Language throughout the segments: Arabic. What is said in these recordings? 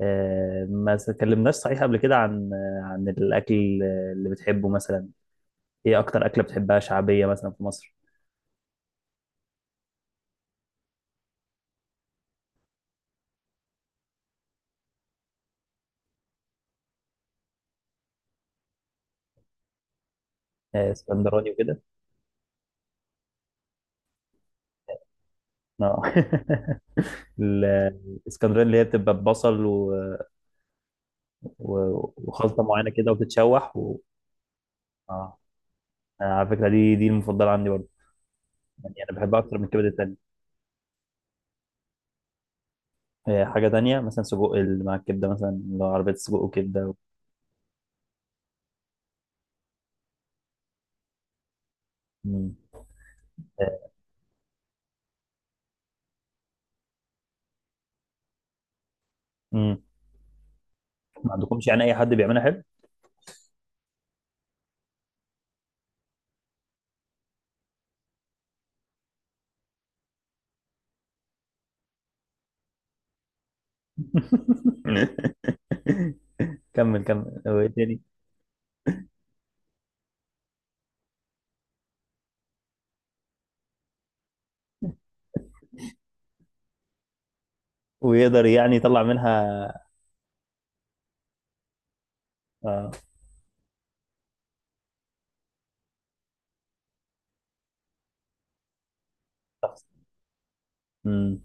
ما اتكلمناش صحيح قبل كده عن عن الأكل اللي بتحبه مثلا. إيه أكتر أكلة بتحبها شعبية مثلا في مصر؟ اسكندراني وكده، اه. ال- الاسكندراني اللي هي بتبقى ببصل و... وخلطة معينة كده وبتتشوح اه. على فكرة دي المفضلة عندي برضه. يعني أنا بحبها أكتر من الكبدة التانية. حاجة تانية مثلا سجق اللي مع الكبدة، مثلا اللي هو عربية سجق وكبدة مم. آه، مم. ما عندكمش يعني أي حد بيعملها حلو؟ كمل كمل، هو ايه تاني؟ ويقدر يعني يطلع منها. آه. شخص. مم.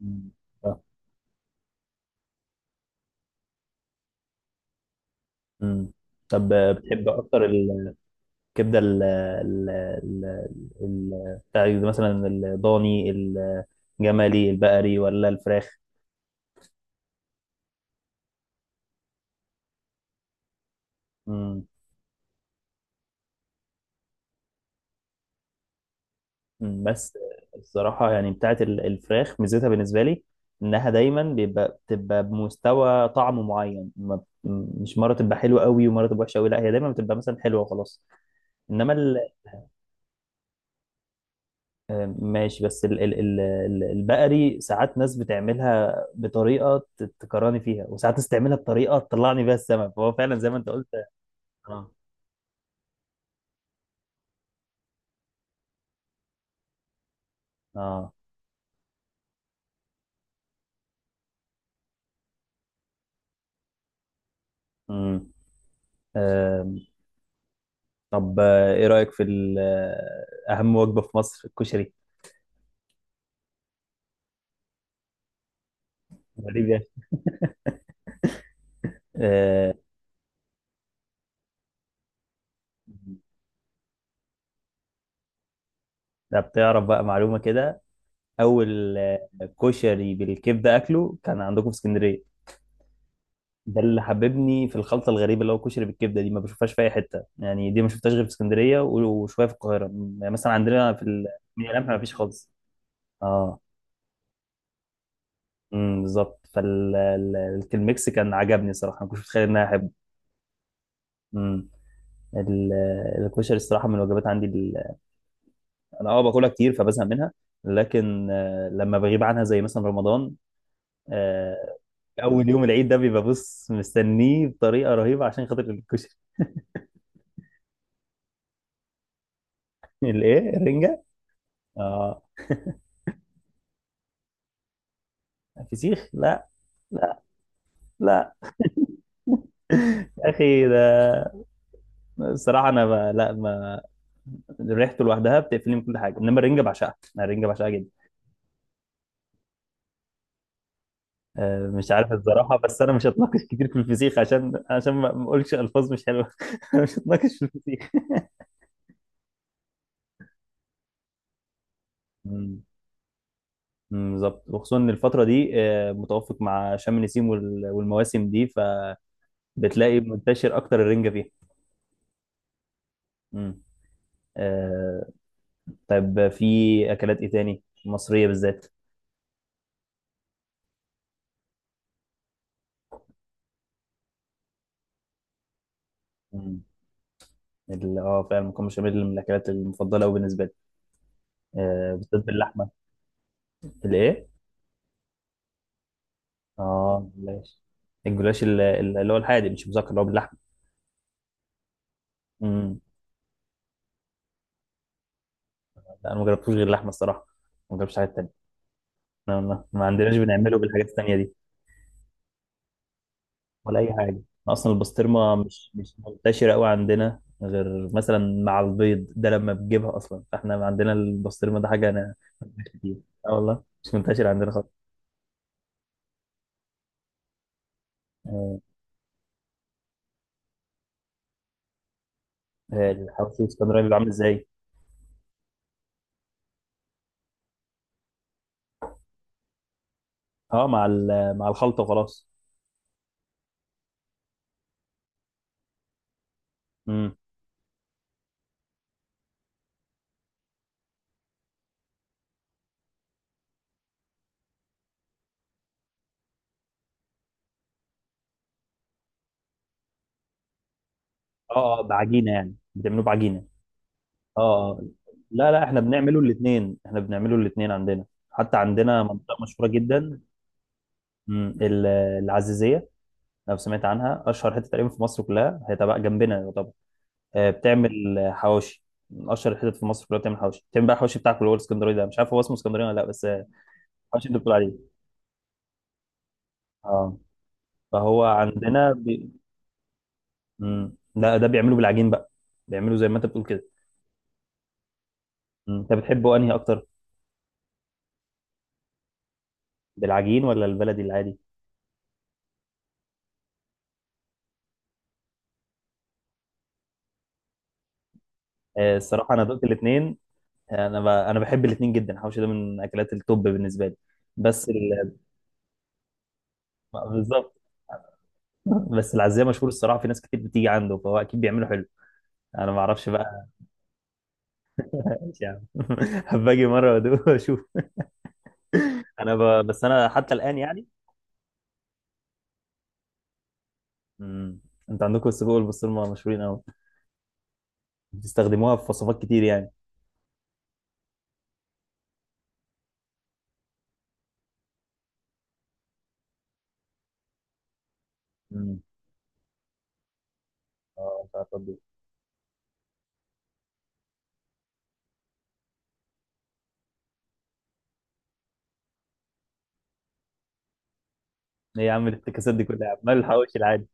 مم. آه. مم. طب، بتحب اكتر الكبده ال ال ال بتاع مثلا الضاني، الجملي، البقري، ولا الفراخ؟ مم. مم. بس الصراحه يعني بتاعت الفراخ ميزتها بالنسبه لي انها دايما بتبقى بمستوى طعم معين، مش مره تبقى حلوه قوي ومره تبقى وحشه قوي، لا هي دايما بتبقى مثلا حلوه وخلاص. انما ال- ماشي، بس البقري ساعات ناس بتعملها بطريقة تكرهني فيها، وساعات ناس تعملها بطريقة تطلعني بيها السما، فهو فعلا زي ما انت قلت. اه، اه. امم. آم، طب، ايه رأيك في اهم وجبة في مصر، الكشري؟ غريب يعني. آه. ده بتعرف بقى معلومة كده، اول كشري بالكبدة اكله كان عندكم في اسكندرية. ده اللي حببني في الخلطه الغريبه اللي هو كشري بالكبده، دي ما بشوفهاش في اي حته يعني، دي ما شفتهاش غير في اسكندريه، وشويه في القاهره، مثلا عندنا في من القلعه ما فيش خالص. اه. امم، بالظبط، فالميكس كان عجبني صراحه، ما كنتش متخيل ان انا احبه. امم. ال- الكشري الصراحه من الوجبات عندي انا، باكلها كتير فبزهق منها، لكن لما بغيب عنها زي مثلا رمضان، آه، اول يوم العيد ده بيبقى، بص، مستنيه بطريقه رهيبه عشان خاطر الكشري. الايه، الرنجه؟ اه. فسيخ لا. لا يا اخي، ده الصراحه انا لا، ما ريحته لوحدها بتقفلني من كل حاجه، انما الرنجه بعشقها، انا الرنجه بعشقها جدا. مش عارف الصراحه، بس انا مش هتناقش كتير في الفسيخ عشان، عشان ما اقولش الفاظ مش حلوه. أنا مش هتناقش في الفسيخ. مم، مم، بالظبط، وخصوصا ان الفتره دي متوافق مع شم النسيم والمواسم دي، فبتلاقي منتشر اكتر الرنجه فيها. مم. آه، طيب، في اكلات ايه تاني مصريه بالذات؟ مم. اه فعلا المكرونه بشاميل من الاكلات المفضله قوي بالنسبه لي، آه بالذات باللحمه. الايه؟ اه، الجلاش. الجلاش اللي هو الحادق مش مذكر، اللي هو باللحمه. امم. لا انا ما جربتوش غير اللحمه الصراحه، ما جربتش حاجات تانية. ما عندناش بنعمله بالحاجات التانية دي، ولا اي حاجه. اصلا البسطرمه مش منتشره قوي عندنا غير مثلا مع البيض ده لما بتجيبها، اصلا فاحنا عندنا البسطرمه ده حاجه، انا مش كتير. اه والله، مش منتشر عندنا خالص. آه، الحواوشي الاسكندراني بيبقى عامل ازاي؟ اه، مع الخلطه وخلاص. امم. اه، اه، بعجينه يعني بتعملوه بعجينه. اه، لا لا، احنا بنعمله الاثنين، احنا بنعمله الاثنين عندنا. حتى عندنا منطقه مشهوره جدا، مم، العزيزيه، لو سمعت عنها، اشهر حته تقريبا في مصر كلها، هي تبع جنبنا يعتبر، بتعمل حواوشي، من اشهر الحتت في مصر كلها بتعمل حواوشي، بتعمل بقى الحواوشي بتاعك اللي هو الاسكندراني ده، مش عارف هو اسمه اسكندراني ولا لا، بس الحواوشي اللي انت بتقول عليه. اه. فهو عندنا مم، لا، ده بيعملوا بالعجين بقى، بيعملوا زي ما انت بتقول كده. مم، انت بتحبه انهي اكتر، بالعجين ولا البلدي العادي؟ الصراحه انا دقت الاثنين. انا بحب الاثنين جدا، الحوشي ده من اكلات التوب بالنسبه لي. بس بالظبط، بس العزية مشهور الصراحه، في ناس كتير بتيجي عنده فهو اكيد بيعمله حلو. انا ما اعرفش بقى. ايش يعني. هبقى اجي مره وادوق واشوف. بس انا حتى الان يعني. امم. انت عندكم السجق والبسطرمه مشهورين قوي، بتستخدموها في وصفات كتير يعني. امم. اه، مش عارف أطبق. ايه يا عم الافتكاسات دي كلها عمال الحواوشي العادي؟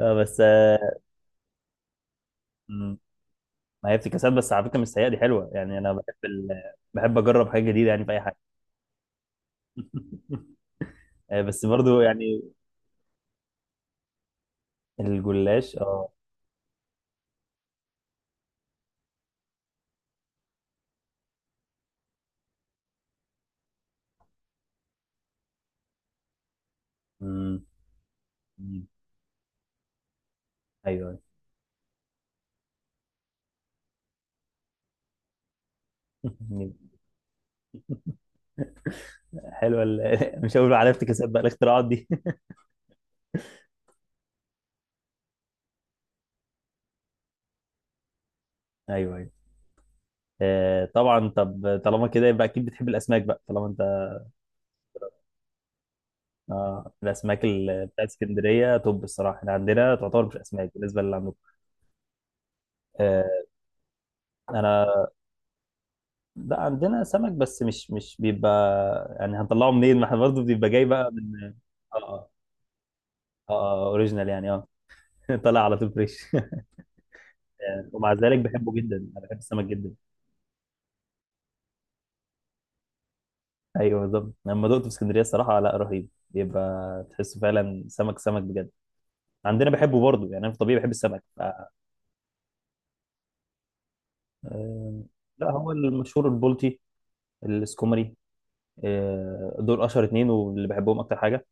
اه بس. مم. ما هي افتكاسات، بس على فكره مش سيئه، دي حلوه يعني. انا بحب بحب اجرب حاجه جديده يعني في اي حاجه. بس برضو يعني. الجلاش، اه. مم. مم. ايوه. أيوة. حلوه مش هقول على افتكاسات بقى، الاختراعات دي. ايوه، ايوه. آه طبعا، طب طالما كده يبقى اكيد بتحب الاسماك بقى طالما انت. آه، الاسماك بتاعت اسكندريه، طب الصراحه احنا عندنا تعتبر مش اسماك بالنسبه اللي عندكم. آه. انا. لا عندنا سمك، بس مش بيبقى يعني، هنطلعه منين، ما احنا برضه بيبقى جاي بقى من. اه، اه. اه، اوريجينال يعني، اه. طالع على طول فريش. ومع ذلك بحبه جدا، انا بحب السمك جدا. ايوه بالظبط، لما دقته في اسكندريه، الصراحه لا رهيب، بيبقى تحسه فعلا سمك سمك بجد. عندنا بحبه برضه يعني، انا في الطبيعي بحب السمك ف... آه، لا، هو المشهور البلطي، السكومري، دول اشهر اتنين واللي بحبهم اكتر حاجه.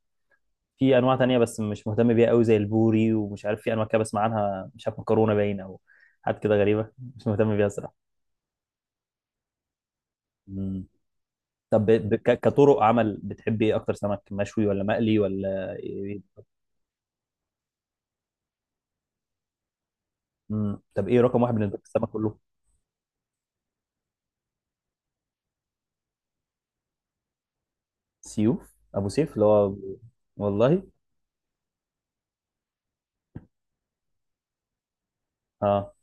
في انواع تانية بس مش مهتم بيها قوي، زي البوري، ومش عارف، في انواع كده بسمع عنها مش عارف، مكرونه باين او حاجات كده غريبه، مش مهتم بيها الصراحه. مم. طب كطرق عمل بتحب ايه اكتر، سمك مشوي ولا مقلي ولا إيه؟ مم. طب ايه رقم واحد بالنسبه لك في السما كله؟ سيوف، ابو سيف اللي هو؟ والله. اه.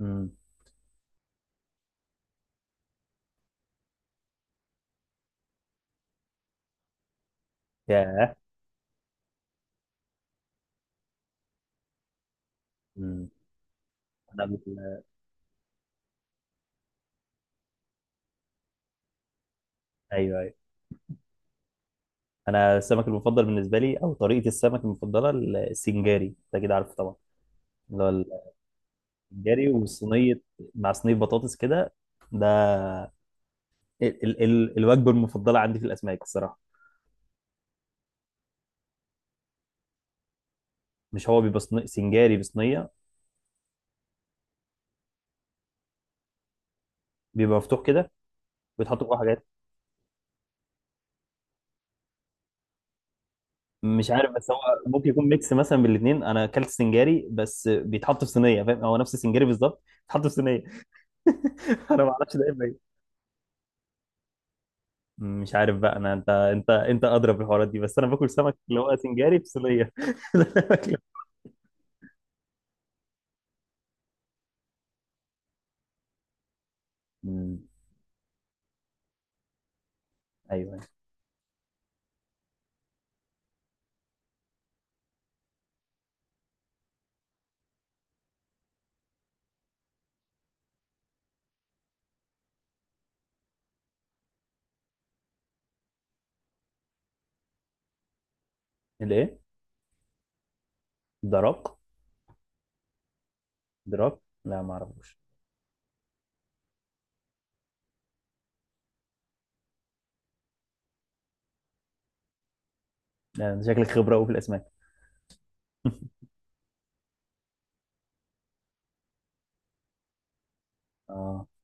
امم. ياه. امم. انا قبل كده- ايوه، ايوه. انا السمك المفضل بالنسبه لي او طريقه السمك المفضله، السنجاري، انت اكيد عارفه طبعا، اللي هو السنجاري وصينيه، مع صينيه بطاطس كده، ده ال ال ال الوجبه المفضله عندي في الاسماك الصراحه. مش هو بيبقى سنجاري بصينيه؟ بيبقى مفتوح كده، بيتحط جواه حاجات. مش عارف بس هو ممكن يكون ميكس مثلا من الاثنين، انا اكلت سنجاري بس بيتحط في صينيه فاهم، هو نفس السنجاري بالظبط بيتحط في صينيه. انا ما اعرفش ده إيه بقى. مش عارف بقى انا، انت ادرى في الحوارات دي، بس انا باكل سمك اللي هو سنجاري في صينيه. ده اللي أنا باكله. أمم، ايوه. الايه؟ دراك، دراك. لا، ما اعرفوش. لا، أنت شكلك خبره قوي في الاسماك. اه.